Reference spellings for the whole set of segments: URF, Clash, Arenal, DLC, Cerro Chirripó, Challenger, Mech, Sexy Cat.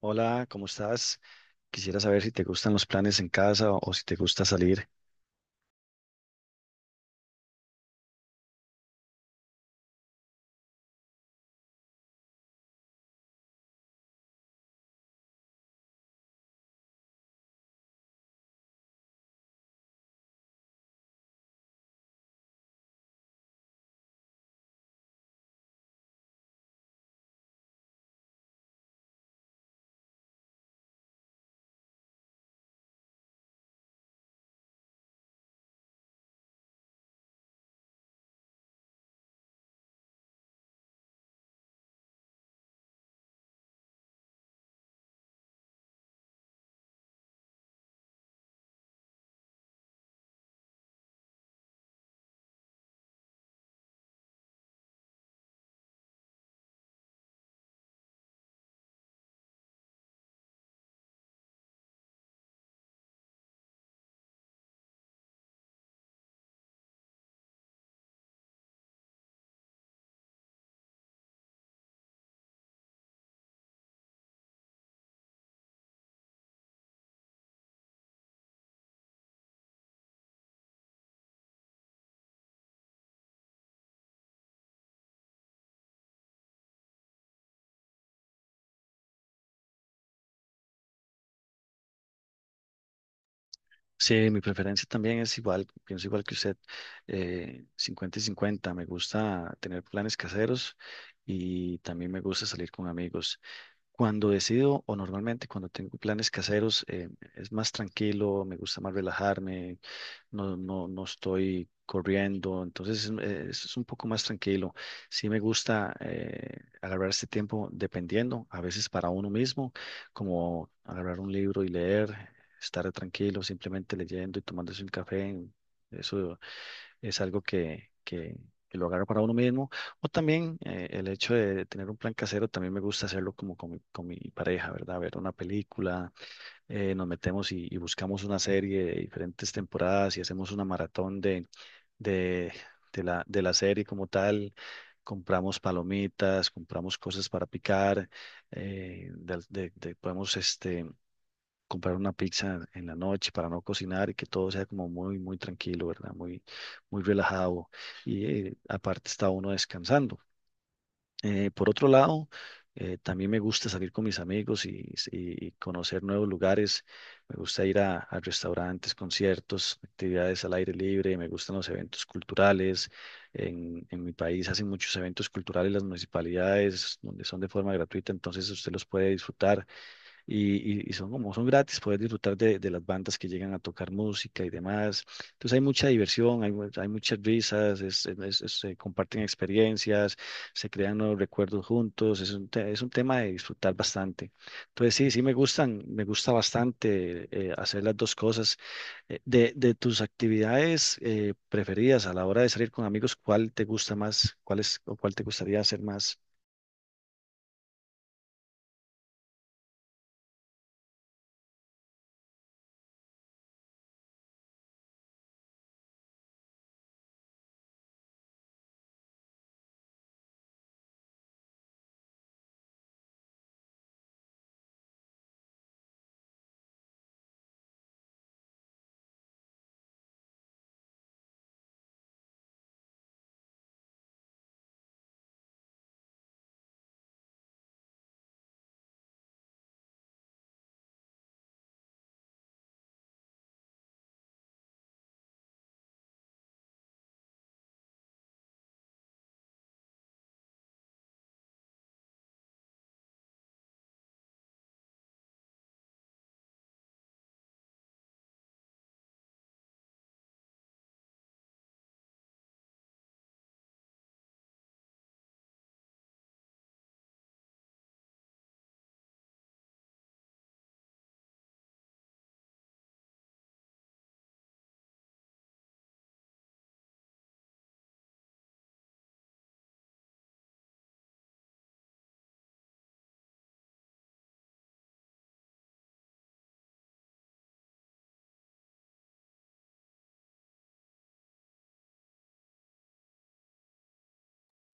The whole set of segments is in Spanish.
Hola, ¿cómo estás? Quisiera saber si te gustan los planes en casa o si te gusta salir. Sí, mi preferencia también es igual, pienso igual que usted, 50 y 50. Me gusta tener planes caseros y también me gusta salir con amigos. Cuando decido, o normalmente cuando tengo planes caseros, es más tranquilo, me gusta más relajarme, no, no estoy corriendo, entonces es un poco más tranquilo. Sí me gusta agarrar este tiempo dependiendo, a veces para uno mismo, como agarrar un libro y leer, estar tranquilo, simplemente leyendo y tomándose un café. Eso es algo que lo agarro para uno mismo. O también el hecho de tener un plan casero, también me gusta hacerlo como con con mi pareja, ¿verdad? Ver una película, nos metemos y buscamos una serie de diferentes temporadas y hacemos una maratón de, de la serie como tal. Compramos palomitas, compramos cosas para picar, podemos comprar una pizza en la noche para no cocinar y que todo sea como muy tranquilo, ¿verdad? Muy relajado y aparte está uno descansando. Por otro lado, también me gusta salir con mis amigos y conocer nuevos lugares. Me gusta ir a restaurantes, conciertos, actividades al aire libre. Me gustan los eventos culturales. En mi país hacen muchos eventos culturales las municipalidades, donde son de forma gratuita, entonces usted los puede disfrutar y son como son gratis, poder disfrutar de las bandas que llegan a tocar música y demás. Entonces hay mucha diversión, hay muchas risas, se comparten experiencias, se crean nuevos recuerdos juntos, es es un tema de disfrutar bastante. Entonces sí, me gusta bastante hacer las dos cosas. De tus actividades preferidas a la hora de salir con amigos, ¿cuál te gusta más? ¿Cuál es o cuál te gustaría hacer más?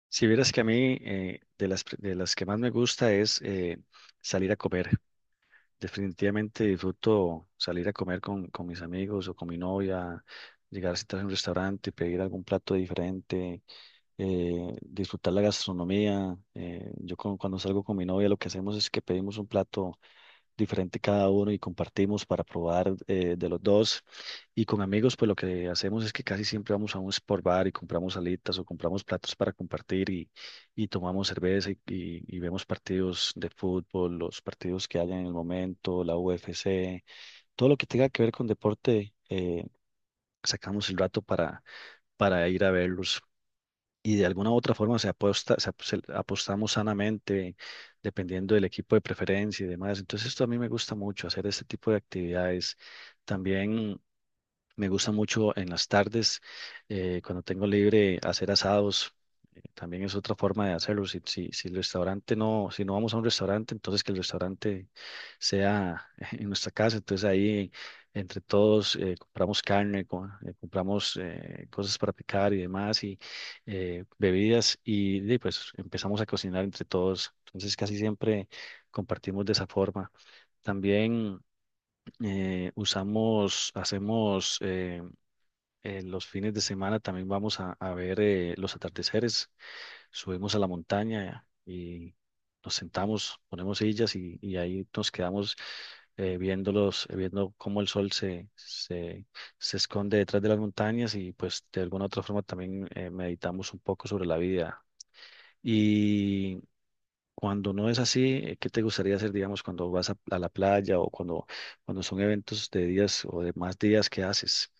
Si vieras que a mí de las que más me gusta es salir a comer. Definitivamente disfruto salir a comer con mis amigos o con mi novia, llegar a sentarse en un restaurante, pedir algún plato diferente, disfrutar la gastronomía. Cuando salgo con mi novia lo que hacemos es que pedimos un plato diferente cada uno y compartimos para probar de los dos. Y con amigos, pues lo que hacemos es que casi siempre vamos a un sport bar y compramos alitas o compramos platos para compartir y tomamos cerveza y vemos partidos de fútbol, los partidos que haya en el momento, la UFC, todo lo que tenga que ver con deporte, sacamos el rato para ir a verlos y de alguna u otra forma se apuesta, apostamos sanamente, dependiendo del equipo de preferencia y demás. Entonces, esto a mí me gusta mucho, hacer este tipo de actividades. También me gusta mucho en las tardes, cuando tengo libre, hacer asados. También es otra forma de hacerlo. Si el restaurante no, si no vamos a un restaurante, entonces que el restaurante sea en nuestra casa. Entonces ahí entre todos compramos carne, compramos cosas para picar y demás bebidas y de pues empezamos a cocinar entre todos. Entonces casi siempre compartimos de esa forma. También hacemos los fines de semana, también vamos a ver los atardeceres, subimos a la montaña y nos sentamos, ponemos sillas y ahí nos quedamos viéndolos, viendo cómo el sol se esconde detrás de las montañas y pues de alguna otra forma también meditamos un poco sobre la vida y cuando no es así, ¿qué te gustaría hacer, digamos, cuando vas a la playa o cuando son eventos de días o de más días que haces?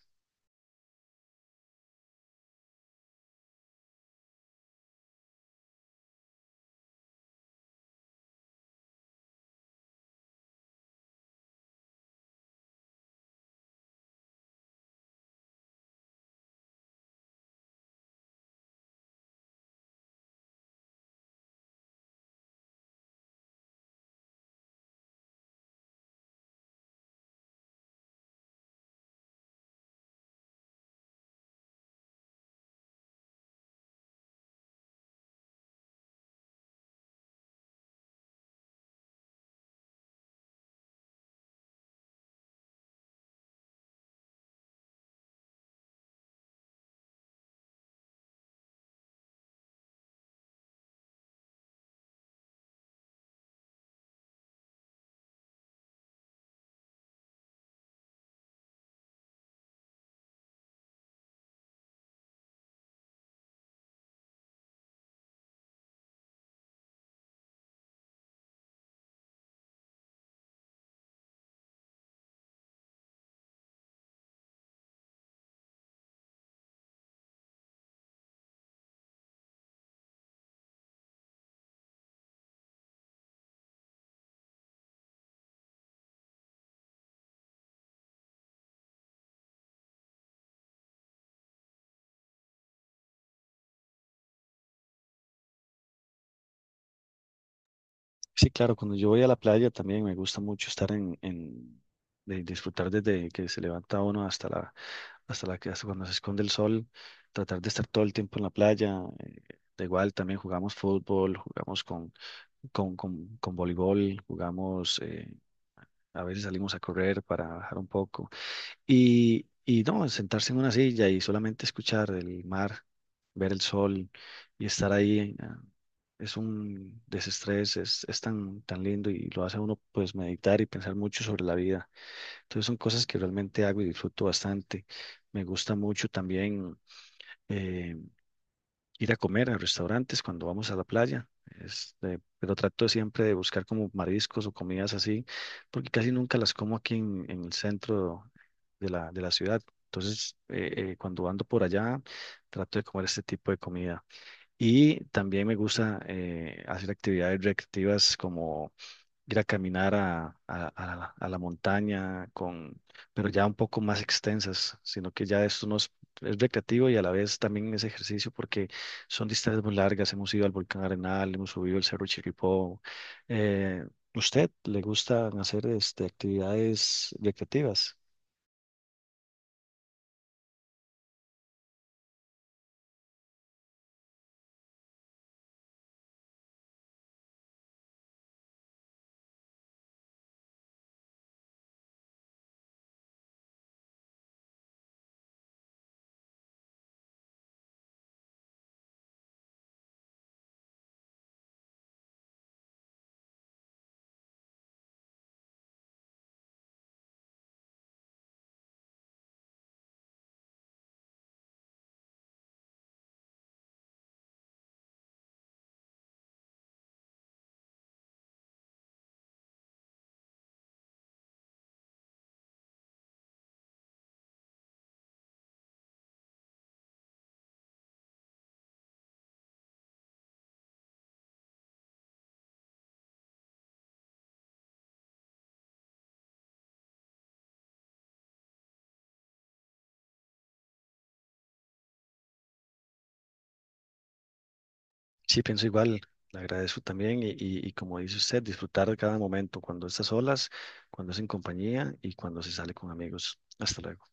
Sí, claro, cuando yo voy a la playa también me gusta mucho estar en de disfrutar desde que se levanta uno hasta la que hasta cuando se esconde el sol, tratar de estar todo el tiempo en la playa. Da igual, también jugamos fútbol, jugamos con voleibol, jugamos, a veces salimos a correr para bajar un poco. Y no, Sentarse en una silla y solamente escuchar el mar, ver el sol y estar ahí, es un desestrés, es tan lindo y lo hace a uno pues meditar y pensar mucho sobre la vida. Entonces son cosas que realmente hago y disfruto bastante. Me gusta mucho también. eh, Ir a comer a restaurantes cuando vamos a la playa. Este, pero trato siempre de buscar como mariscos o comidas así, porque casi nunca las como aquí en el centro de la ciudad. Entonces, cuando ando por allá, trato de comer este tipo de comida. Y también me gusta hacer actividades recreativas como ir a caminar a la montaña con, pero ya un poco más extensas, sino que ya esto no es, es recreativo y a la vez también es ejercicio porque son distancias muy largas. Hemos ido al volcán Arenal, hemos subido el Cerro Chirripó. Eh, ¿Usted le gustan hacer este, actividades recreativas? Sí, pienso igual. Le agradezco también y como dice usted, disfrutar de cada momento, cuando estás solas, cuando es en compañía y cuando se sale con amigos. Hasta luego.